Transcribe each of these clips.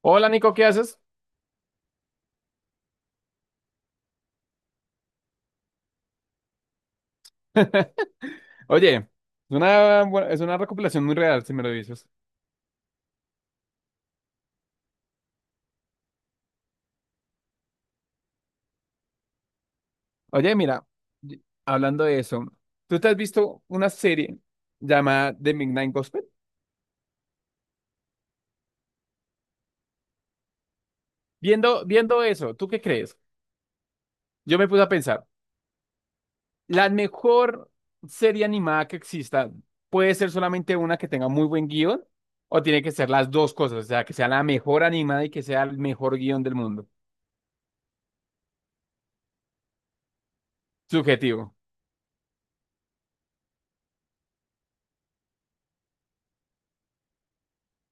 Hola Nico, ¿qué haces? Oye, es una recopilación muy real, si me lo dices. Oye, mira, hablando de eso, ¿tú te has visto una serie llamada The Midnight Gospel? Viendo eso, ¿tú qué crees? Yo me puse a pensar, la mejor serie animada que exista puede ser solamente una que tenga muy buen guión o tiene que ser las dos cosas, o sea, que sea la mejor animada y que sea el mejor guión del mundo. Subjetivo.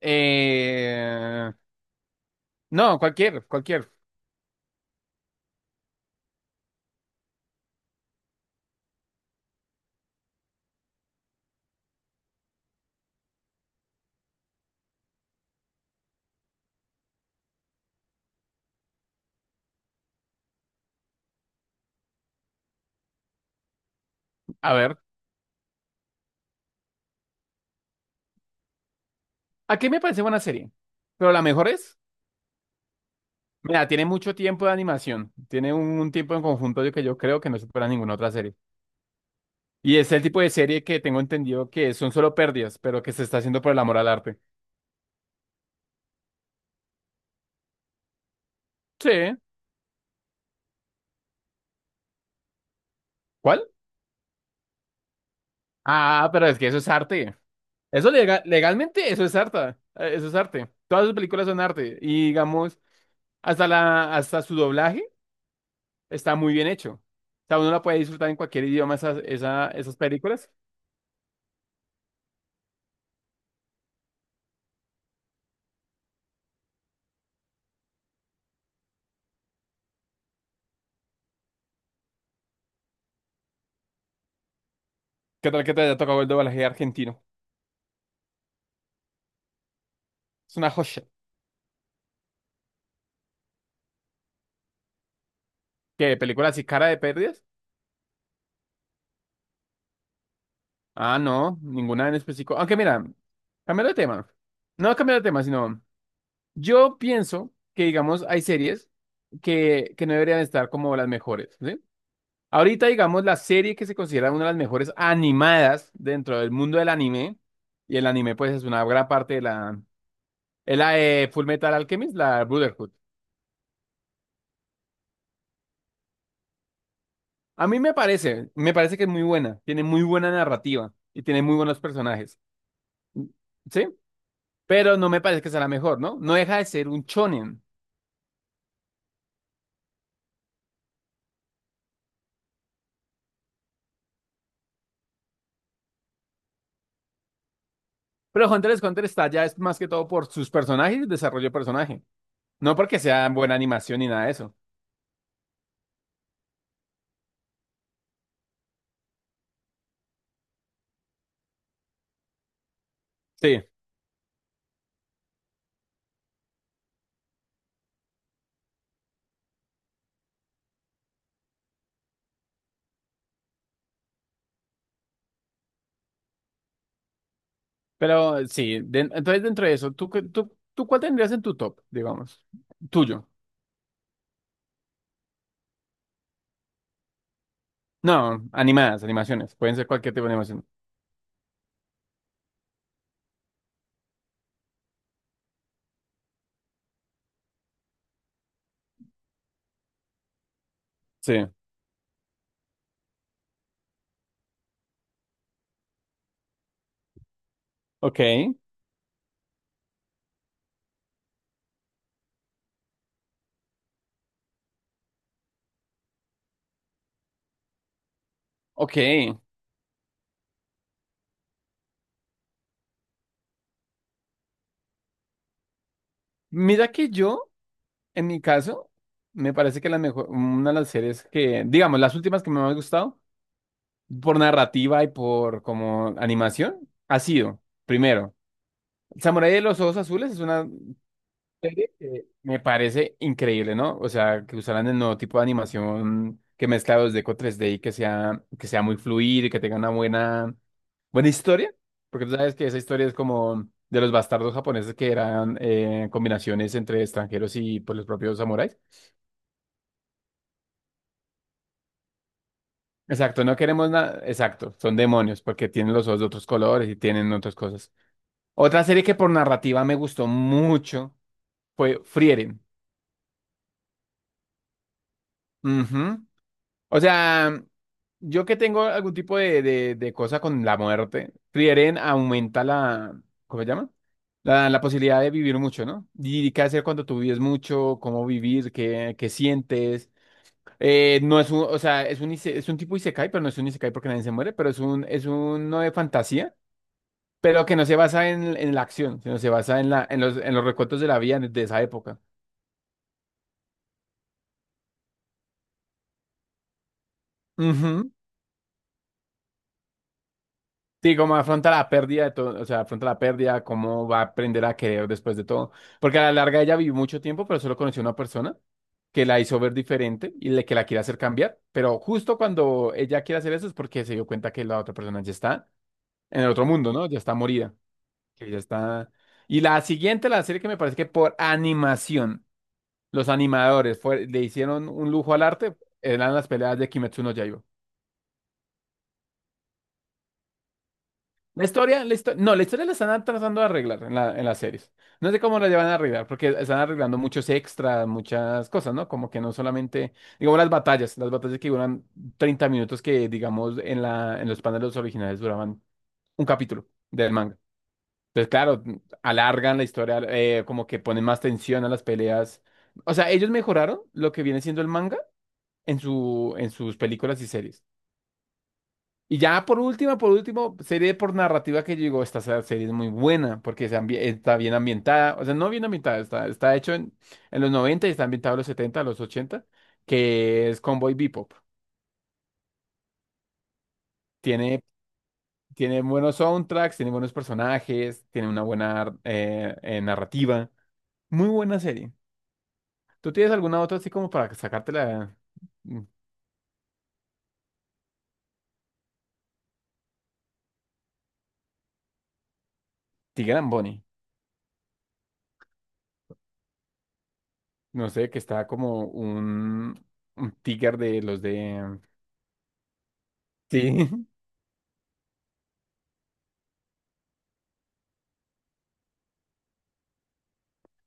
Eh, no, cualquier, cualquier. A ver, aquí me parece buena serie, pero la mejor es, mira, tiene mucho tiempo de animación, tiene un tiempo en conjunto de que yo creo que no supera ninguna otra serie. Y es el tipo de serie que tengo entendido que son solo pérdidas, pero que se está haciendo por el amor al arte. Sí. ¿Cuál? Ah, pero es que eso es arte. Eso legalmente, eso es arte. Eso es arte. Todas sus películas son arte. Y digamos, hasta su doblaje está muy bien hecho. O sea, uno la puede disfrutar en cualquier idioma esas películas. ¿Qué tal que te haya tocado el doblaje argentino? Es una joya. ¿Qué? ¿Películas así cara de pérdidas? Ah, no, ninguna en específico. Aunque mira, cambiando de tema. No cambiando de tema, sino yo pienso que, digamos, hay series que no deberían estar como las mejores, ¿sí? Ahorita, digamos, la serie que se considera una de las mejores animadas dentro del mundo del anime, y el anime, pues, es una gran parte de la... Es la de Full Metal Alchemist, la Brotherhood. A mí me parece que es muy buena, tiene muy buena narrativa y tiene muy buenos personajes, ¿sí? Pero no me parece que sea la mejor, ¿no? No deja de ser un shonen. Pero Hunter x Hunter está ya es más que todo por sus personajes y desarrollo de personaje, no porque sea buena animación ni nada de eso. Sí, pero sí, entonces dentro de eso, ¿Tú cuál tendrías en tu top, digamos? Tuyo. No, animadas, animaciones, pueden ser cualquier tipo de animación. Sí, ok, ok. Mira que yo... En mi caso, me parece que la mejor, una de las series que, digamos, las últimas que me han gustado, por narrativa y por como animación, ha sido, primero, Samurai de los Ojos Azules es una serie que me parece increíble, ¿no? O sea, que usaran el nuevo tipo de animación que mezcla 2D con 3D y que sea muy fluido y que tenga una buena, buena historia, porque tú sabes que esa historia es como de los bastardos japoneses que eran combinaciones entre extranjeros y pues, los propios samuráis. Exacto, no queremos nada. Exacto, son demonios porque tienen los ojos de otros colores y tienen otras cosas. Otra serie que por narrativa me gustó mucho fue Frieren. Ujú. O sea, yo que tengo algún tipo de, de cosa con la muerte, Frieren aumenta la, ¿cómo se llama? La posibilidad de vivir mucho, ¿no? Y qué hacer cuando tú vives mucho, cómo vivir, qué, qué sientes. No es un, o sea, es un tipo isekai, pero no es un isekai porque nadie se muere, pero es un, es uno de fantasía. Pero que no se basa en la acción, sino se basa en los recuentos de la vida de esa época. Ujú. Sí, cómo afronta la pérdida de todo, o sea, afronta la pérdida, cómo va a aprender a querer después de todo. Porque a la larga ella vivió mucho tiempo, pero solo conoció a una persona que la hizo ver diferente y le, que la quiere hacer cambiar. Pero justo cuando ella quiere hacer eso es porque se dio cuenta que la otra persona ya está en el otro mundo, ¿no? Ya está morida, que ya está... Y la siguiente, la serie que me parece que por animación, los animadores le hicieron un lujo al arte, eran las peleas de Kimetsu no Yaiba. La historia, no, la historia la están tratando de arreglar en la, en las series. No sé cómo la llevan a arreglar, porque están arreglando muchos extras, muchas cosas, ¿no? Como que no solamente, digamos, las batallas que duran 30 minutos, que digamos, en la, en los paneles originales duraban un capítulo del manga. Entonces, claro, alargan la historia, como que ponen más tensión a las peleas. O sea, ellos mejoraron lo que viene siendo el manga en su, en sus películas y series. Y ya por último, serie por narrativa que yo digo, esta serie es muy buena porque está bien ambientada, o sea, no bien ambientada, está hecho en, los 90 y está ambientado en los 70 los 80 que es Cowboy Bebop. Tiene, tiene buenos soundtracks, tiene buenos personajes, tiene una buena narrativa. Muy buena serie. ¿Tú tienes alguna otra así como para sacártela? Mm, Tiger and Bunny. No sé, que está como un tiger de los de... Sí,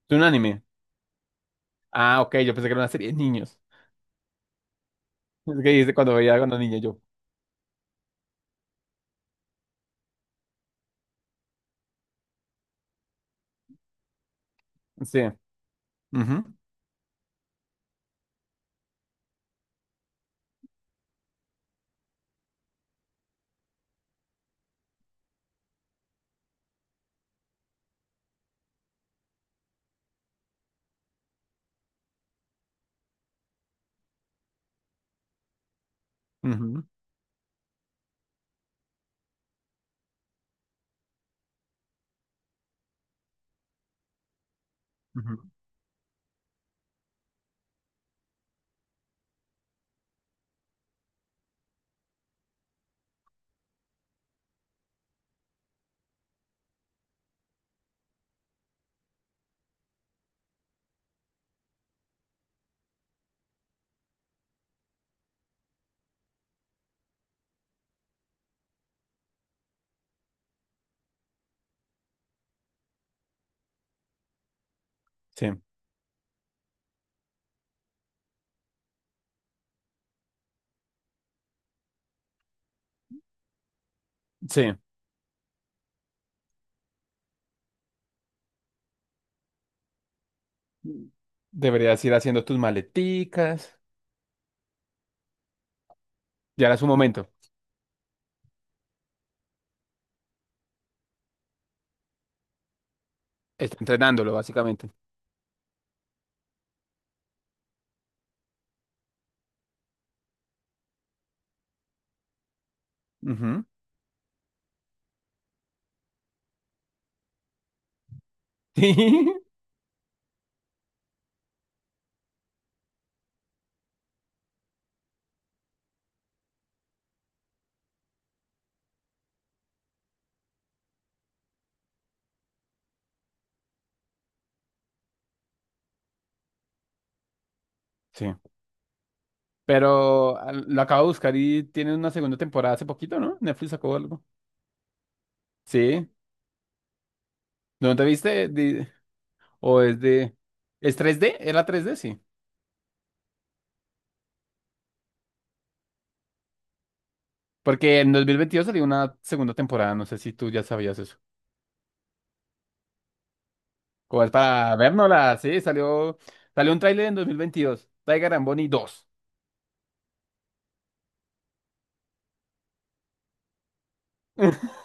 es un anime. Ah, ok, yo pensé que era una serie de niños. Es que dice cuando veía cuando niño yo. Sí. Ujú, ujú, ujú. Sí, sí. Deberías ir haciendo tus maleticas. Ya era su momento. Está entrenándolo, básicamente. Ujú. Sí. Sí. Pero lo acabo de buscar y tiene una segunda temporada hace poquito, ¿no? Netflix sacó algo. Sí. ¿No te viste? ¿O es de... ¿Es 3D? ¿Era 3D? Sí. Porque en 2022 salió una segunda temporada. No sé si tú ya sabías eso. Como es para vernosla, sí, salió, salió un tráiler en 2022 Tiger and Bunny 2.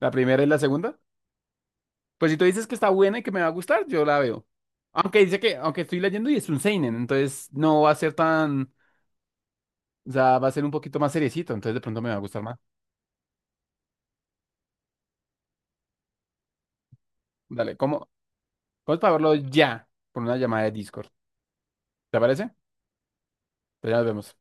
La primera y la segunda. Pues si tú dices que está buena y que me va a gustar, yo la veo. Aunque dice que, aunque estoy leyendo y es un seinen, entonces no va a ser tan, o sea, va a ser un poquito más seriecito, entonces de pronto me va a gustar más. Dale, ¿cómo? Vamos para verlo ya, por una llamada de Discord. ¿Te parece? Pues ya nos vemos.